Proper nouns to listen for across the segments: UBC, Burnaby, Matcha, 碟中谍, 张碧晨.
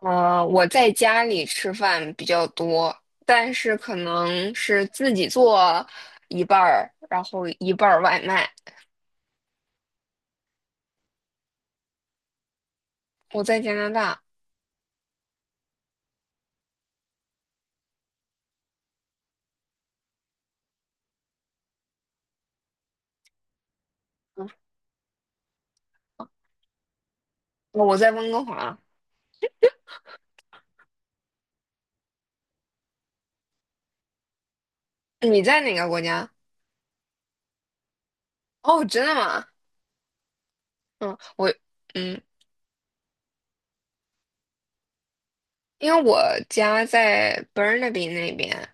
嗯，我在家里吃饭比较多，但是可能是自己做一半儿，然后一半儿外卖。我在加拿大，嗯，我在温哥华。你在哪个国家？哦，真的吗？嗯，我嗯，因为我家在 Burnaby 那边，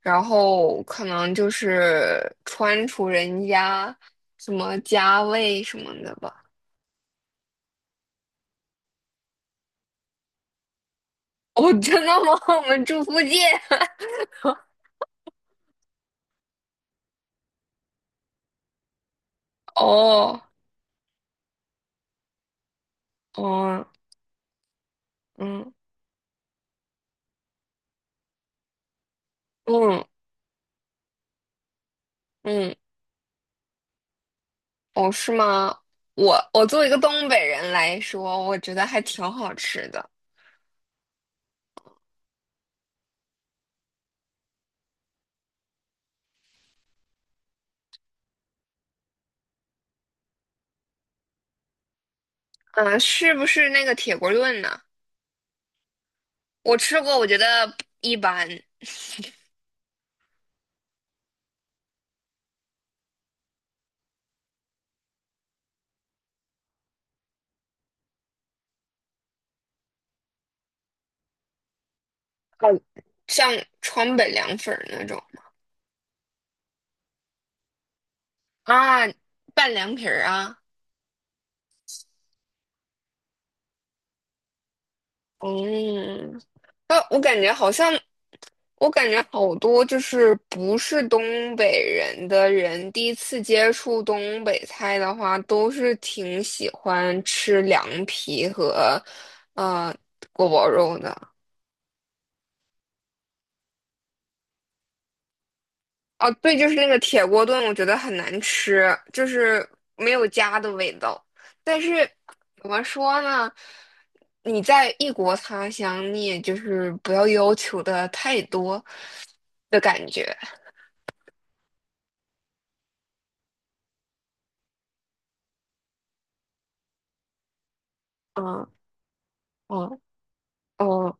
然后可能就是川楚人家什么家味什么的吧。哦，真的吗？我们住附近。哦，哦，嗯。嗯嗯，哦，是吗？我作为一个东北人来说，我觉得还挺好吃的。嗯，是不是那个铁锅炖呢？我吃过，我觉得一般。哦，像川北凉粉儿那种啊，拌凉皮儿啊。嗯，那我感觉好像，我感觉好多就是不是东北人的人，第一次接触东北菜的话，都是挺喜欢吃凉皮和呃锅包肉的。哦，对，就是那个铁锅炖，我觉得很难吃，就是没有家的味道。但是怎么说呢？你在异国他乡，你也就是不要要求的太多的感觉。嗯嗯嗯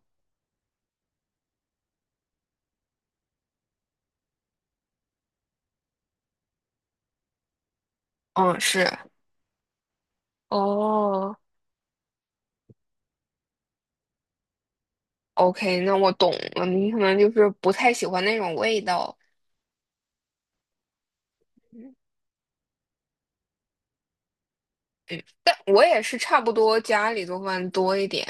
嗯，是哦，OK,那我懂了。你可能就是不太喜欢那种味道，但我也是差不多家里做饭多一点。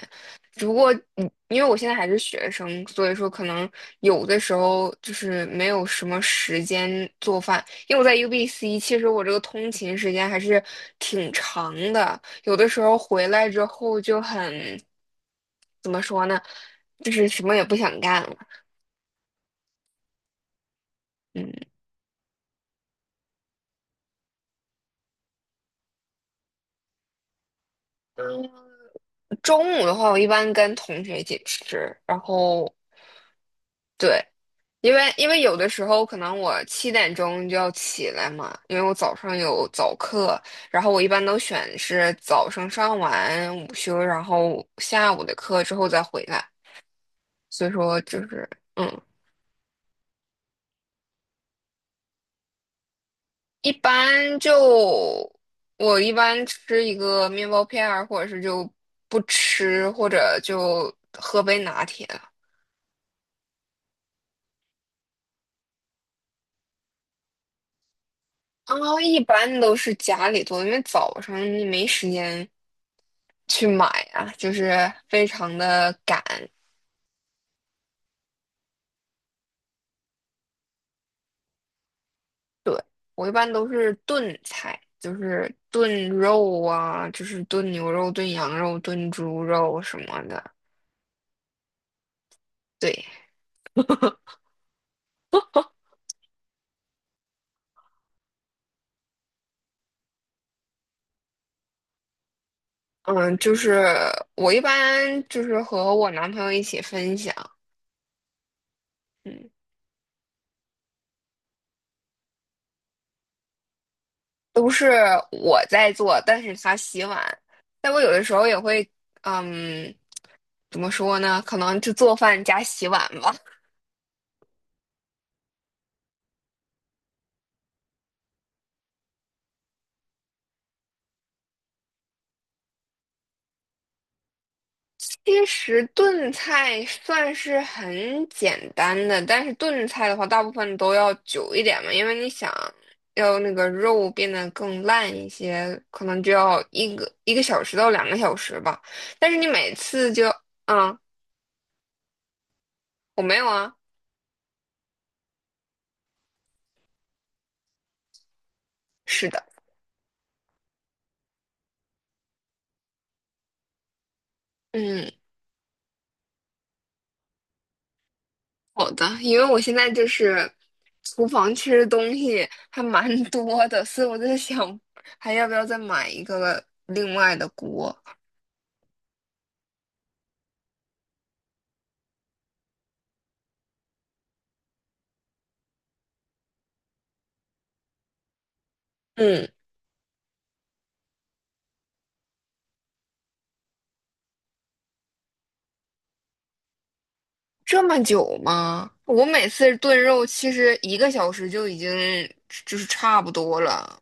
因为我现在还是学生，所以说可能有的时候就是没有什么时间做饭。因为我在 UBC,其实我这个通勤时间还是挺长的，有的时候回来之后就很，怎么说呢，就是什么也不想干了。嗯，中午的话，我一般跟同学一起吃，然后对。因为有的时候可能我7点钟就要起来嘛，因为我早上有早课，然后我一般都选是早上上完午休，然后下午的课之后再回来，所以说就是嗯，一般就我一般吃一个面包片儿，或者是就不吃，或者就喝杯拿铁了。啊，一般都是家里做，因为早上你没时间去买啊，就是非常的赶。我一般都是炖菜，就是炖肉啊，就是炖牛肉、炖羊肉、炖猪肉什么的。对，嗯，就是我一般就是和我男朋友一起分享，嗯，都是我在做，但是他洗碗。但我有的时候也会，嗯，怎么说呢？可能就做饭加洗碗吧。其实炖菜算是很简单的，但是炖菜的话，大部分都要久一点嘛，因为你想要那个肉变得更烂一些，可能就要一个小时到2个小时吧。但是你每次就，啊，我没有啊，是的，嗯，好的，因为我现在就是厨房其实东西还蛮多的，所以我在想还要不要再买一个另外的锅，嗯。这么久吗？我每次炖肉其实一个小时就已经就是差不多了。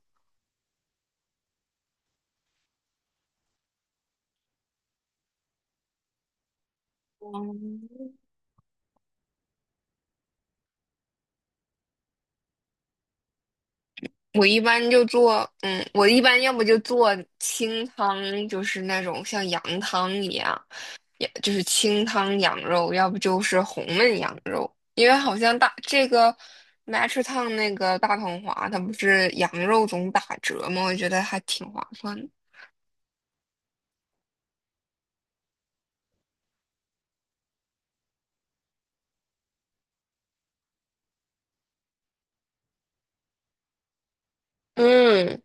嗯我一般就做，我一般要不就做清汤，就是那种像羊汤一样，也就是清汤羊肉，要不就是红焖羊肉。因为好像大这个 Matcha 烫那个大同华，它不是羊肉总打折吗？我觉得还挺划算的。嗯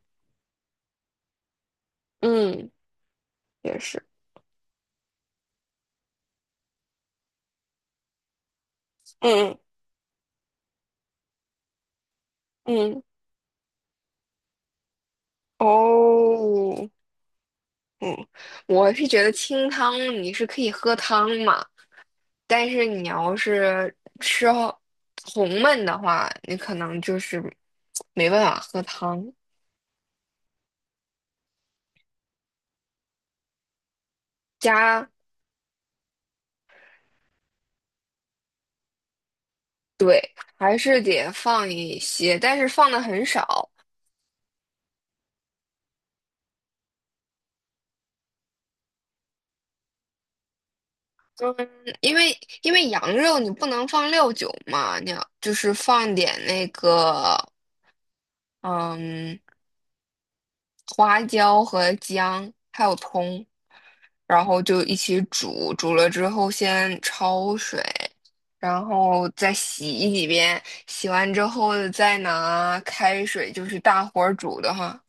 嗯，也是，嗯嗯。哦，我是觉得清汤你是可以喝汤嘛，但是你要是吃好红焖的话，你可能就是没办法喝汤。加，对，还是得放一些，但是放的很少。嗯，因为因为羊肉你不能放料酒嘛，你要就是放点那个，嗯。花椒和姜还有葱，然后就一起煮，煮了之后先焯水，然后再洗几遍，洗完之后再拿开水，就是大火煮的哈，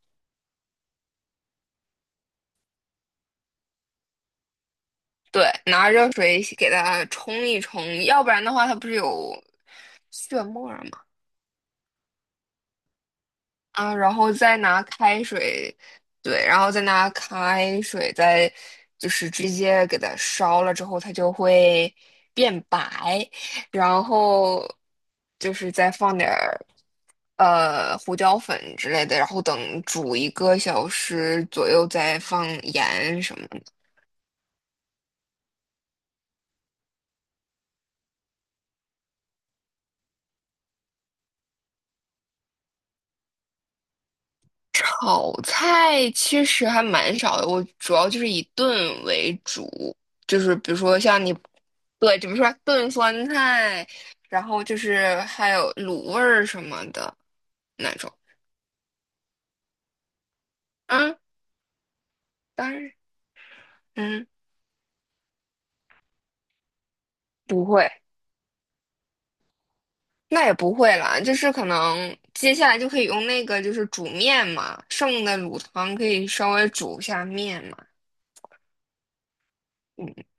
对，拿热水给它冲一冲，要不然的话它不是有血沫儿吗？啊，然后再拿开水，对，然后再拿开水，再就是直接给它烧了之后，它就会变白，然后就是再放点儿胡椒粉之类的，然后等煮一个小时左右再放盐什么的。炒菜其实还蛮少的，我主要就是以炖为主，就是比如说像你，对，怎么说炖酸菜，然后就是还有卤味儿什么的那种。嗯，当然，嗯，不会，那也不会啦，就是可能接下来就可以用那个就是煮面嘛，剩的卤汤可以稍微煮一下面嘛。嗯。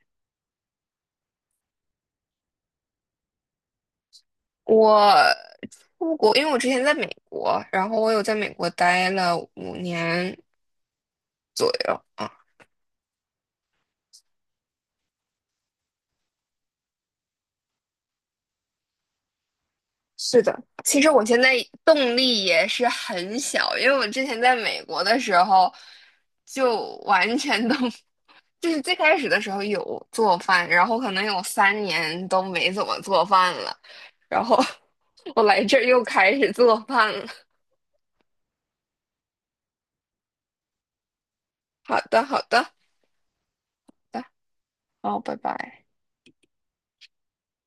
我出国，因为我之前在美国，然后我有在美国待了5年左右啊。是的，其实我现在动力也是很小，因为我之前在美国的时候就完全都，就是最开始的时候有做饭，然后可能有3年都没怎么做饭了，然后 我来这儿又开始做饭了。好的，好的，好的，好，拜拜。